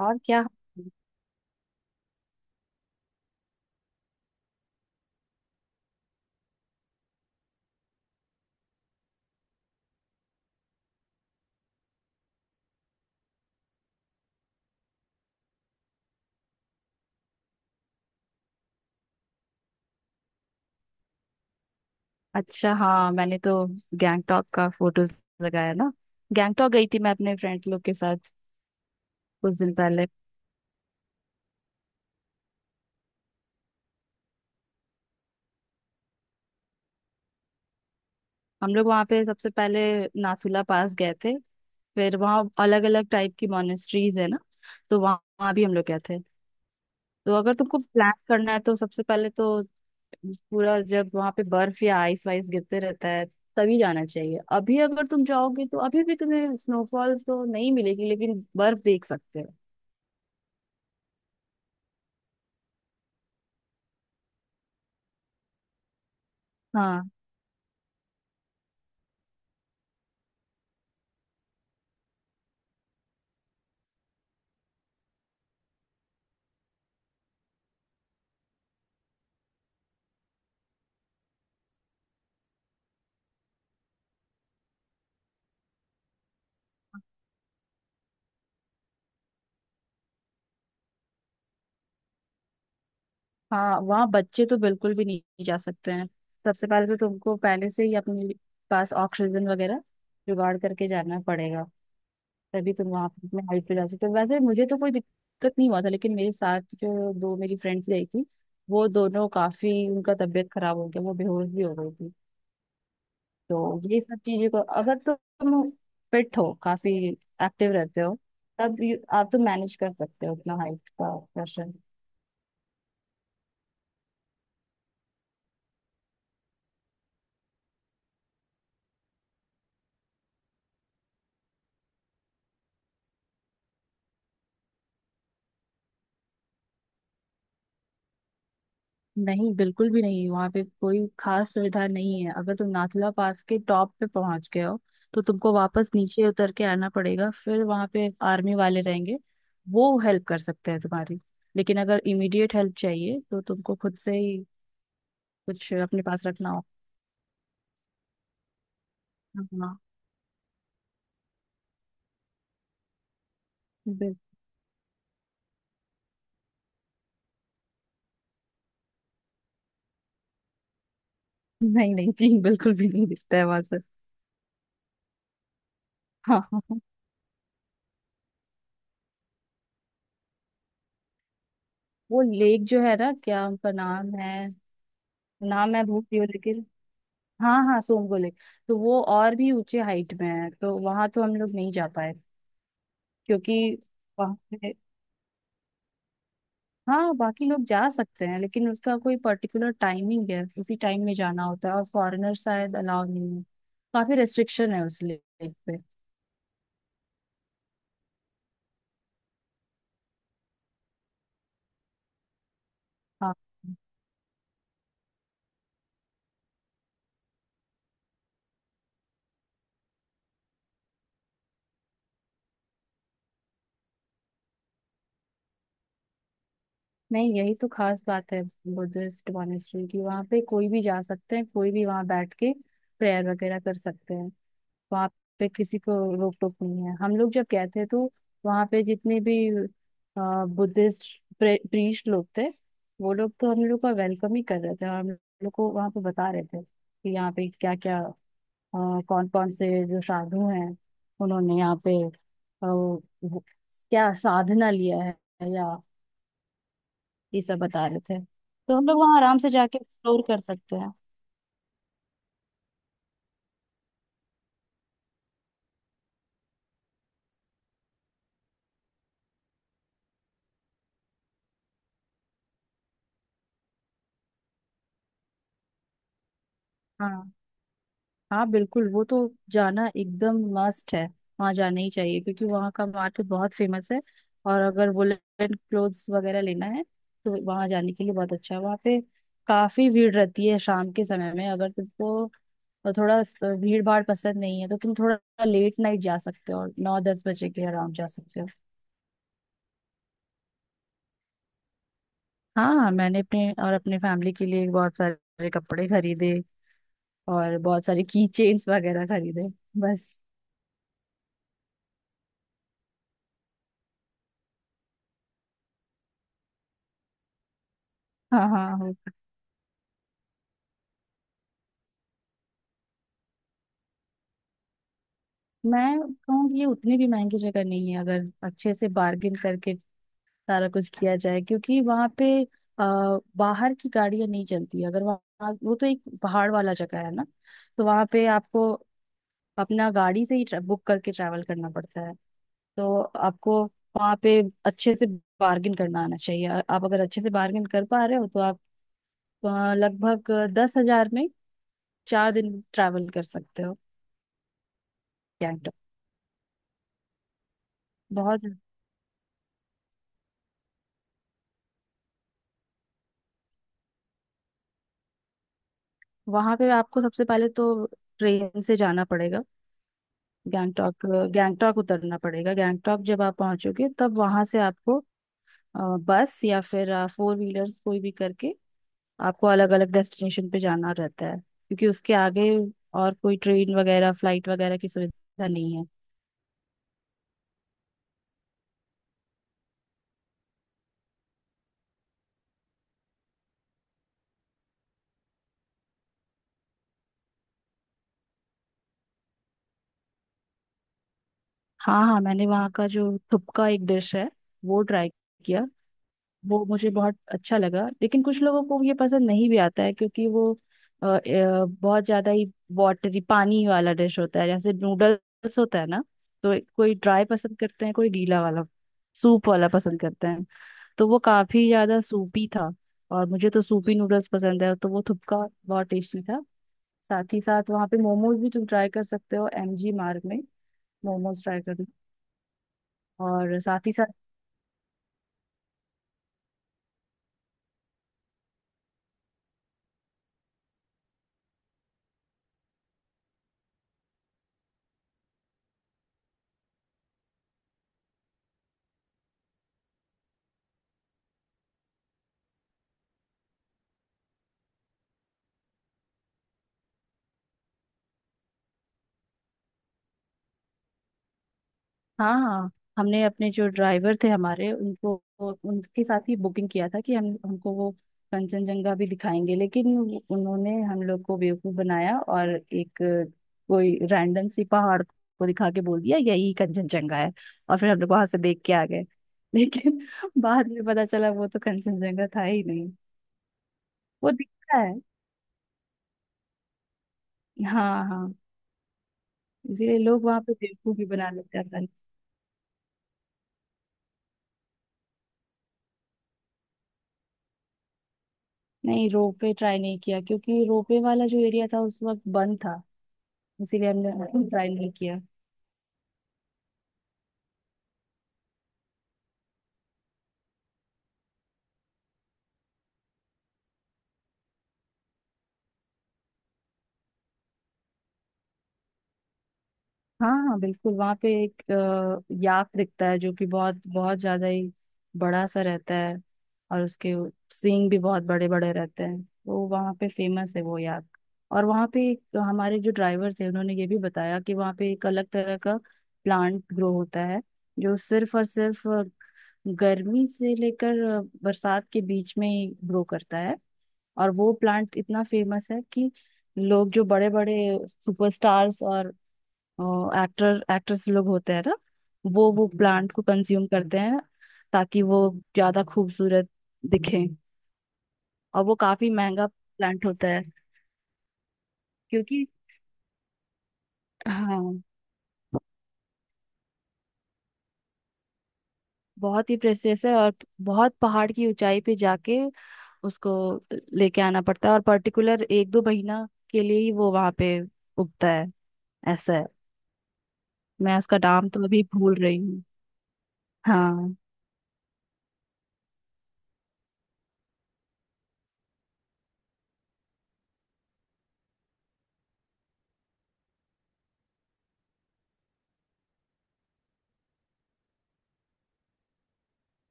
और क्या। अच्छा, हाँ मैंने तो गैंगटॉक का फोटोज लगाया ना। गैंगटॉक गई थी मैं अपने फ्रेंड लोग के साथ कुछ दिन पहले। हम लोग वहाँ पे सबसे पहले नाथुला पास गए थे। फिर वहाँ अलग अलग टाइप की मोनेस्ट्रीज है ना, तो वहाँ वहाँ भी हम लोग गए थे। तो अगर तुमको प्लान करना है तो सबसे पहले तो पूरा जब वहाँ पे बर्फ या आइस वाइस गिरते रहता है, तभी जाना चाहिए। अभी अगर तुम जाओगे तो अभी भी तुम्हें स्नोफॉल तो नहीं मिलेगी लेकिन बर्फ देख सकते हो। हाँ हाँ, वहाँ बच्चे तो बिल्कुल भी नहीं जा सकते हैं। सबसे पहले तो तुमको पहले से ही पास ऑक्सीजन वगैरह जुगाड़ करके जाना पड़ेगा। तभी तुम वहाँ पे अपने हाइट पे जा सकते हो। वैसे मुझे तो कोई दिक्कत नहीं हुआ था, लेकिन मेरे साथ जो दो मेरी फ्रेंड्स गई थी, वो दोनों काफी, उनका तबीयत खराब हो गया, वो बेहोश भी हो गई थी। तो ये सब चीजें को, अगर तो तुम फिट हो, काफी एक्टिव रहते हो, तब आप तो मैनेज कर सकते हो अपना हाइट का प्रेशर। नहीं बिल्कुल भी नहीं, वहाँ पे कोई खास सुविधा नहीं है। अगर तुम नाथुला पास के टॉप पे पहुंच गए हो तो तुमको वापस नीचे उतर के आना पड़ेगा। फिर वहाँ पे आर्मी वाले रहेंगे, वो हेल्प कर सकते हैं तुम्हारी, लेकिन अगर इमीडिएट हेल्प चाहिए तो तुमको खुद से ही कुछ अपने पास रखना होगा। हाँ बिल- नहीं नहीं जी, बिल्कुल भी नहीं दिखता है वहां से हाँ हाँ, हाँ। वो लेक जो है ना, क्या उनका नाम है, नाम मैं भूल रही हूँ लेकिन, हाँ हाँ, सोमगोले। तो वो और भी ऊंचे हाइट में है, तो वहां तो हम लोग नहीं जा पाए क्योंकि वहाँ पे, हाँ, बाकी लोग जा सकते हैं लेकिन उसका कोई पर्टिकुलर टाइमिंग है, उसी टाइम में जाना होता है, और फॉरेनर शायद अलाउ नहीं है। काफी रेस्ट्रिक्शन है उस लेक पे। हाँ, नहीं यही तो खास बात है बुद्धिस्ट मॉनेस्ट्री की। वहाँ पे कोई भी जा सकते हैं, कोई भी वहाँ बैठ के प्रेयर वगैरह कर सकते हैं। वहाँ पे किसी को रोक टोक नहीं है। हम लोग जब गए थे तो वहाँ पे जितने भी बुद्धिस्ट प्रीस्ट लोग थे, वो लोग तो हम लोग का वेलकम ही कर रहे थे, और हम लोग को वहाँ पे बता रहे थे कि यहाँ पे क्या क्या, कौन कौन से जो साधु हैं, उन्होंने यहाँ पे क्या साधना लिया है, या ये सब बता रहे थे। तो हम लोग वहाँ आराम से जाके एक्सप्लोर कर सकते हैं। हाँ हाँ बिल्कुल, वो तो जाना एकदम मस्ट है। वहाँ जाना ही चाहिए क्योंकि वहाँ का मार्केट बहुत फेमस है। और अगर वुलन क्लोथ्स वगैरह लेना है तो वहाँ जाने के लिए बहुत अच्छा है। वहाँ पे काफी भीड़ रहती है शाम के समय में। अगर तुमको थोड़ा भीड़ भाड़ पसंद नहीं है तो तुम थोड़ा लेट नाइट जा सकते हो, और नौ दस बजे के अराउंड जा सकते हो। हाँ हाँ, मैंने अपने और अपने फैमिली के लिए बहुत सारे कपड़े खरीदे, और बहुत सारे की चेन्स वगैरह खरीदे। बस। हाँ हाँ हाँ। मैं कहूँगी ये उतनी भी महंगी जगह नहीं है, अगर अच्छे से बार्गिन करके सारा कुछ किया जाए, क्योंकि वहाँ पे बाहर की गाड़ियाँ नहीं चलती। अगर वहाँ, वो तो एक पहाड़ वाला जगह है ना, तो वहाँ पे आपको अपना गाड़ी से ही बुक करके ट्रैवल करना पड़ता है। तो आपको वहाँ पे अच्छे से बार्गिन करना आना चाहिए। आप अगर अच्छे से बार्गिन कर पा रहे हो तो आप लगभग 10 हजार में 4 दिन ट्रैवल कर सकते हो। गैंगटॉक बहुत वहां पे आपको सबसे पहले तो ट्रेन से जाना पड़ेगा। गैंगटॉक गैंगटॉक उतरना पड़ेगा। गैंगटॉक जब आप पहुंचोगे तब वहां से आपको अ, बस या फिर फोर व्हीलर्स, कोई भी करके आपको अलग अलग डेस्टिनेशन पे जाना रहता है, क्योंकि उसके आगे और कोई ट्रेन वगैरह फ्लाइट वगैरह की सुविधा नहीं है। हाँ हाँ, मैंने वहाँ का जो थुपका एक डिश है, वो ट्राई वो मुझे बहुत अच्छा लगा, लेकिन कुछ लोगों को ये पसंद नहीं भी आता है क्योंकि वो बहुत ज्यादा ही वाटरी, पानी वाला डिश होता है, जैसे नूडल्स होता है ना। तो कोई ड्राई पसंद करते हैं, कोई गीला वाला, सूप वाला पसंद करते हैं, तो वो काफी ज्यादा सूपी था। और मुझे तो सूपी नूडल्स पसंद है तो वो थुपका बहुत टेस्टी था। साथ ही साथ वहाँ पे मोमोज भी तुम ट्राई कर सकते हो एमजी मार्ग में। मोमोज ट्राई करना। और साथ ही साथ, हाँ हाँ। हमने अपने जो ड्राइवर थे हमारे, उनको, उनके साथ ही बुकिंग किया था कि हम हमको वो कंचनजंगा भी दिखाएंगे, लेकिन उन्होंने हम लोग को बेवकूफ बनाया और एक कोई रैंडम सी पहाड़ को दिखा के बोल दिया यही कंचनजंगा है, और फिर हम लोग वहां से देख के आ गए। लेकिन बाद में पता चला वो तो कंचनजंगा था ही नहीं। वो दिखता है, हाँ हाँ। इसीलिए लोग वहां पे बेवकूफ भी बना लेते हैं आसानी से। नहीं, रोपवे ट्राई नहीं किया क्योंकि रोपवे वाला जो एरिया था उस वक्त बंद था, इसीलिए हमने ट्राई नहीं किया। हाँ हाँ बिल्कुल, वहाँ पे एक याक दिखता है जो कि बहुत बहुत ज्यादा ही बड़ा सा रहता है। और उसके सींग भी बहुत बड़े बड़े रहते हैं, तो वहाँ पे फेमस है वो याक। और वहाँ पे एक, हमारे जो ड्राइवर थे, उन्होंने ये भी बताया कि वहाँ पे एक अलग तरह का प्लांट ग्रो होता है, जो सिर्फ और सिर्फ गर्मी से लेकर बरसात के बीच में ही ग्रो करता है। और वो प्लांट इतना फेमस है कि लोग जो बड़े बड़े सुपरस्टार्स और एक्टर एक्ट्रेस लोग होते हैं ना, वो प्लांट को कंज्यूम करते हैं ताकि वो ज्यादा खूबसूरत दिखें। और वो काफी महंगा प्लांट होता है, क्योंकि हाँ, बहुत ही प्रेशियस है। और बहुत पहाड़ की ऊंचाई पे जाके उसको लेके आना पड़ता है, और पर्टिकुलर एक दो महीना के लिए ही वो वहां पे उगता है, ऐसा है। मैं उसका नाम तो अभी भूल रही हूँ। हाँ।